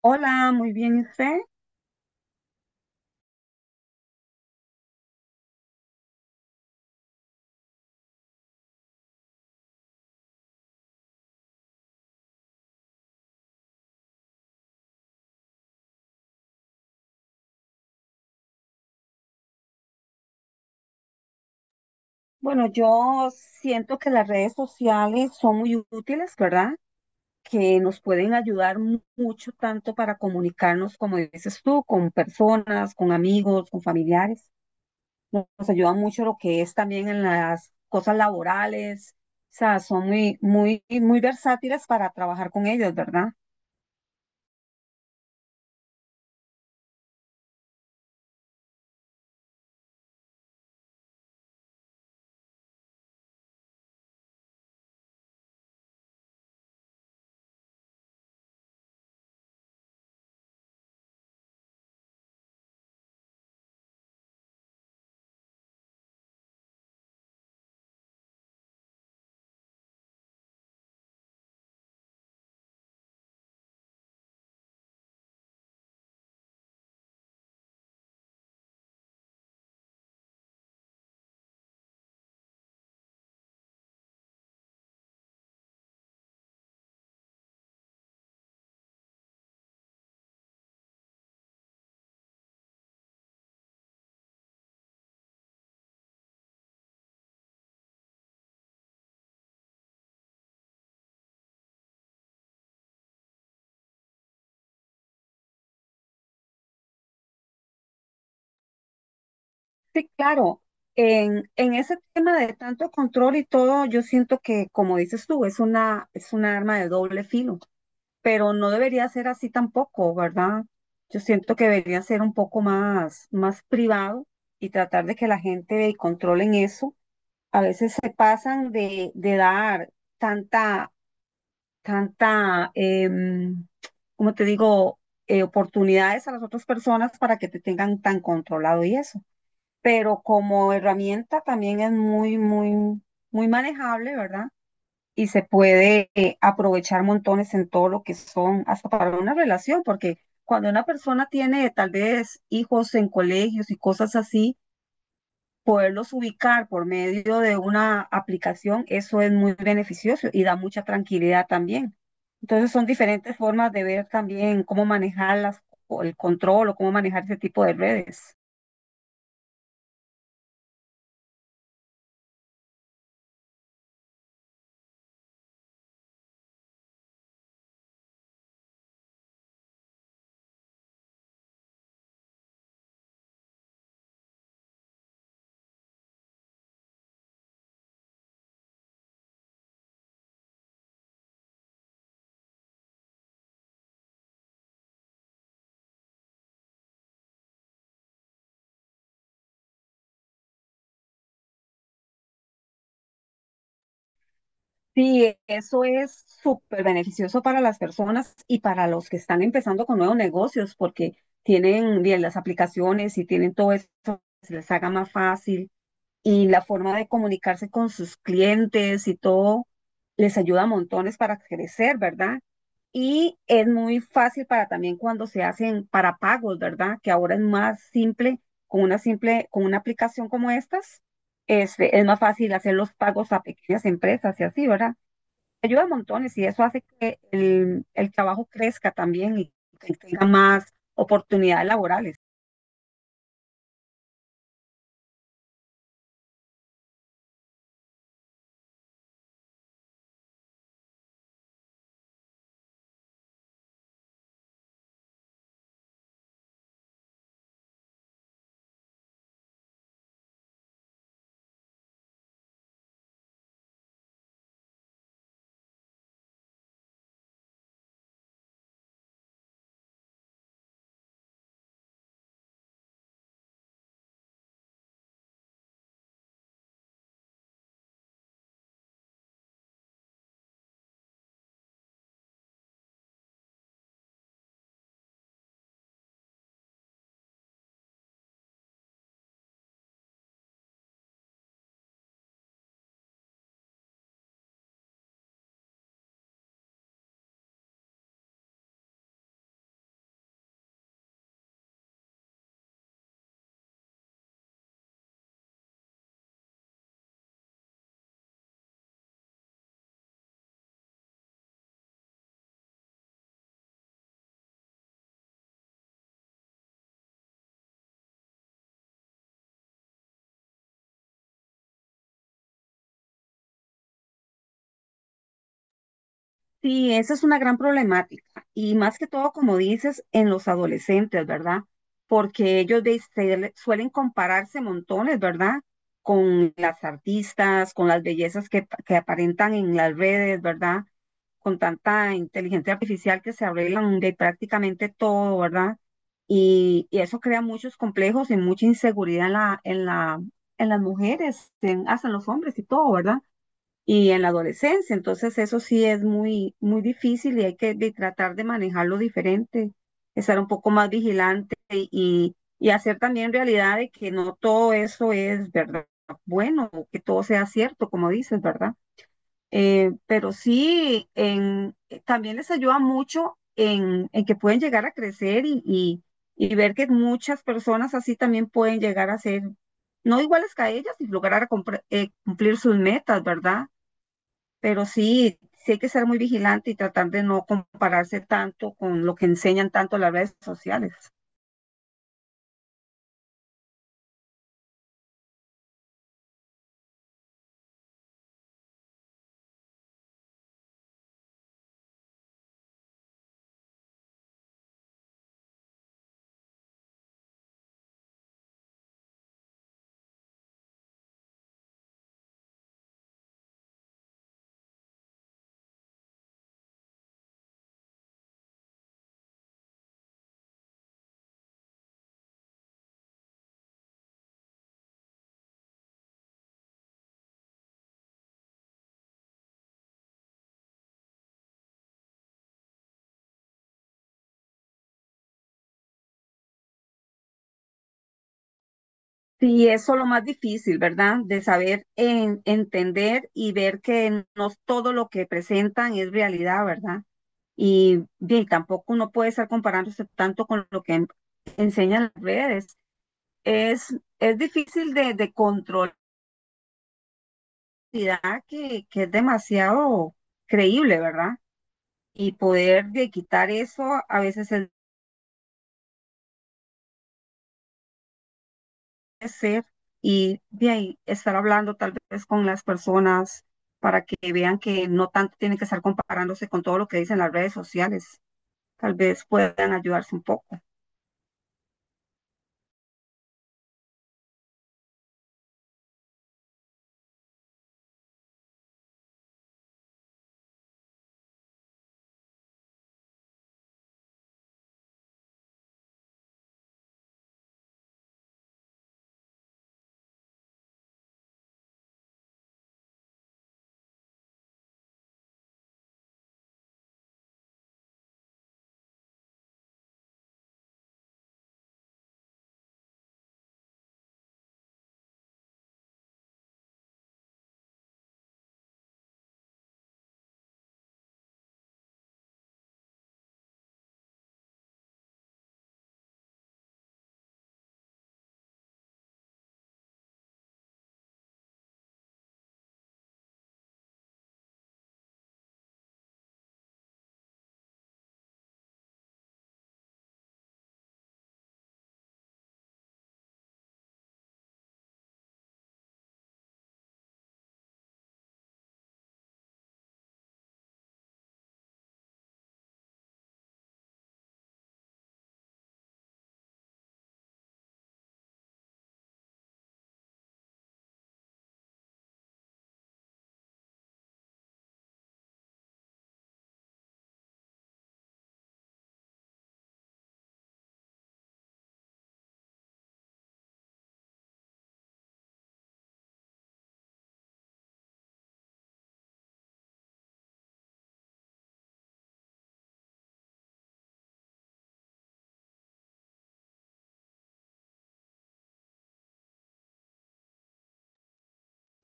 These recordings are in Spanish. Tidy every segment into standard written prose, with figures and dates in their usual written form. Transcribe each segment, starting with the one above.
Hola, muy bien, ¿y usted? Bueno, yo siento que las redes sociales son muy útiles, ¿verdad? Que nos pueden ayudar mucho tanto para comunicarnos, como dices tú, con personas, con amigos, con familiares. Nos ayuda mucho lo que es también en las cosas laborales. O sea, son muy, muy, muy versátiles para trabajar con ellos, ¿verdad? Sí, claro. En ese tema de tanto control y todo, yo siento que, como dices tú, es una arma de doble filo, pero no debería ser así tampoco, ¿verdad? Yo siento que debería ser un poco más, más privado y tratar de que la gente controle en eso. A veces se pasan de dar tanta, tanta, como te digo, oportunidades a las otras personas para que te tengan tan controlado y eso. Pero como herramienta también es muy, muy, muy manejable, ¿verdad? Y se puede aprovechar montones en todo lo que son, hasta para una relación, porque cuando una persona tiene tal vez hijos en colegios y cosas así, poderlos ubicar por medio de una aplicación, eso es muy beneficioso y da mucha tranquilidad también. Entonces son diferentes formas de ver también cómo manejar las, o el control o cómo manejar ese tipo de redes. Sí, eso es súper beneficioso para las personas y para los que están empezando con nuevos negocios, porque tienen bien las aplicaciones y tienen todo eso, se les haga más fácil y la forma de comunicarse con sus clientes y todo les ayuda a montones para crecer, ¿verdad? Y es muy fácil para también cuando se hacen para pagos, ¿verdad? Que ahora es más simple, con una aplicación como estas, este, es más fácil hacer los pagos a pequeñas empresas y así, ¿verdad? Ayuda montones y eso hace que el trabajo crezca también y que tenga más oportunidades laborales. Sí, esa es una gran problemática y más que todo, como dices, en los adolescentes, ¿verdad? Porque ellos suelen compararse montones, ¿verdad? Con las artistas, con las bellezas que aparentan en las redes, ¿verdad? Con tanta inteligencia artificial que se arreglan de prácticamente todo, ¿verdad? Y eso crea muchos complejos y mucha inseguridad en las mujeres, en- hasta en los hombres y todo, ¿verdad? Y en la adolescencia, entonces eso sí es muy, muy difícil y hay que tratar de manejarlo diferente, estar un poco más vigilante y hacer también realidad de que no todo eso es verdad, bueno, que todo sea cierto, como dices, ¿verdad? Pero sí, también les ayuda mucho en que pueden llegar a crecer y ver que muchas personas así también pueden llegar a ser, no iguales que a ellas y lograr cumplir sus metas, ¿verdad? Pero sí, sí hay que ser muy vigilante y tratar de no compararse tanto con lo que enseñan tanto las redes sociales. Sí, eso es lo más difícil, ¿verdad? De saber entender y ver que no todo lo que presentan es realidad, ¿verdad? Y bien, tampoco uno puede estar comparándose tanto con lo que enseñan las redes. Es difícil de controlar que es demasiado creíble, ¿verdad? Y poder de quitar eso a veces es de ser y bien, estar hablando tal vez con las personas para que vean que no tanto tienen que estar comparándose con todo lo que dicen las redes sociales. Tal vez puedan ayudarse un poco.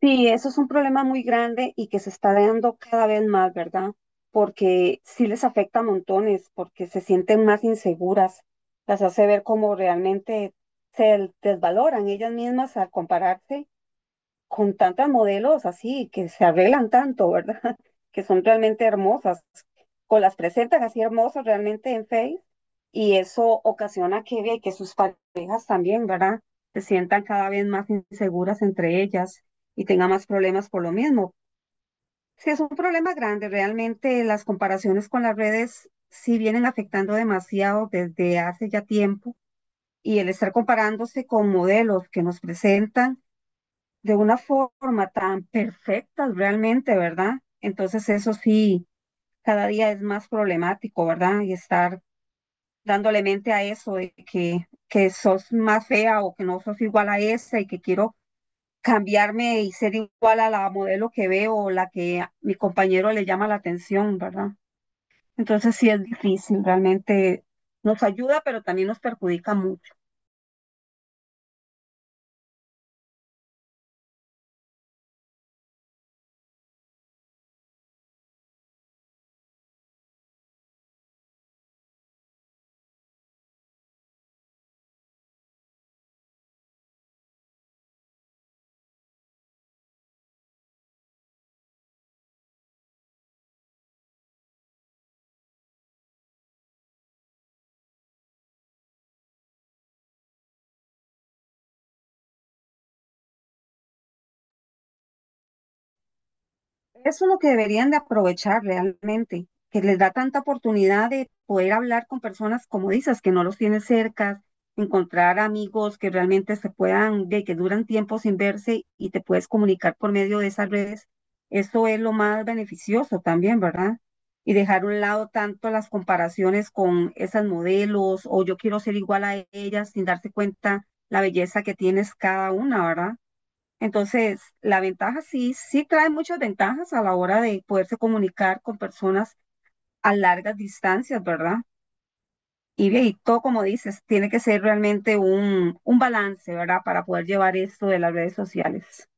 Sí, eso es un problema muy grande y que se está dando cada vez más, ¿verdad? Porque sí les afecta a montones, porque se sienten más inseguras, las hace ver como realmente se desvaloran ellas mismas al compararse con tantas modelos así, que se arreglan tanto, ¿verdad? Que son realmente hermosas, o las presentan así hermosas realmente en Face, y eso ocasiona que, ve que sus parejas también, ¿verdad? Se sientan cada vez más inseguras entre ellas y tengan más problemas por lo mismo. Sí, es un problema grande, realmente las comparaciones con las redes sí vienen afectando demasiado desde hace ya tiempo, y el estar comparándose con modelos que nos presentan de una forma tan perfecta realmente, ¿verdad? Entonces eso sí, cada día es más problemático, ¿verdad? Y estar dándole mente a eso que sos más fea o que no sos igual a esa y que quiero cambiarme y ser igual a la modelo que veo o la que a mi compañero le llama la atención, ¿verdad? Entonces sí es difícil, realmente nos ayuda, pero también nos perjudica mucho. Eso es lo que deberían de aprovechar realmente, que les da tanta oportunidad de poder hablar con personas, como dices, que no los tienes cerca, encontrar amigos que realmente se puedan, de que duran tiempo sin verse y te puedes comunicar por medio de esas redes. Eso es lo más beneficioso también, ¿verdad? Y dejar a un lado tanto las comparaciones con esas modelos o yo quiero ser igual a ellas sin darse cuenta la belleza que tienes cada una, ¿verdad? Entonces, la ventaja sí, sí trae muchas ventajas a la hora de poderse comunicar con personas a largas distancias, ¿verdad? Y, bien, y todo como dices, tiene que ser realmente un balance, ¿verdad? Para poder llevar esto de las redes sociales.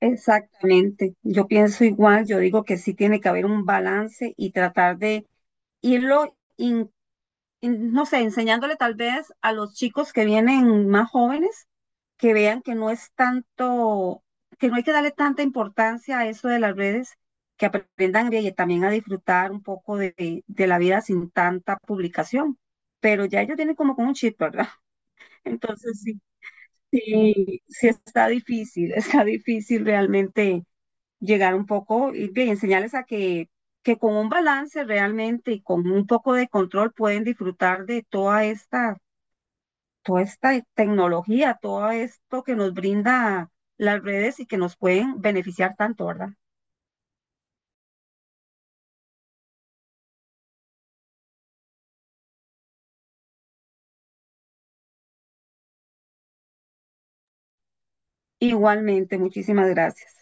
Exactamente, yo pienso igual, yo digo que sí tiene que haber un balance y tratar de irlo, no sé, enseñándole tal vez a los chicos que vienen más jóvenes que vean que no es tanto, que no hay que darle tanta importancia a eso de las redes, que aprendan y también a disfrutar un poco de la vida sin tanta publicación. Pero ya ellos tienen como con un chip, ¿verdad? Entonces sí, sí está difícil, está difícil realmente llegar un poco y bien, enseñarles a que con un balance realmente y con un poco de control pueden disfrutar de toda esta tecnología, todo esto que nos brinda las redes y que nos pueden beneficiar tanto, ¿verdad? Igualmente, muchísimas gracias.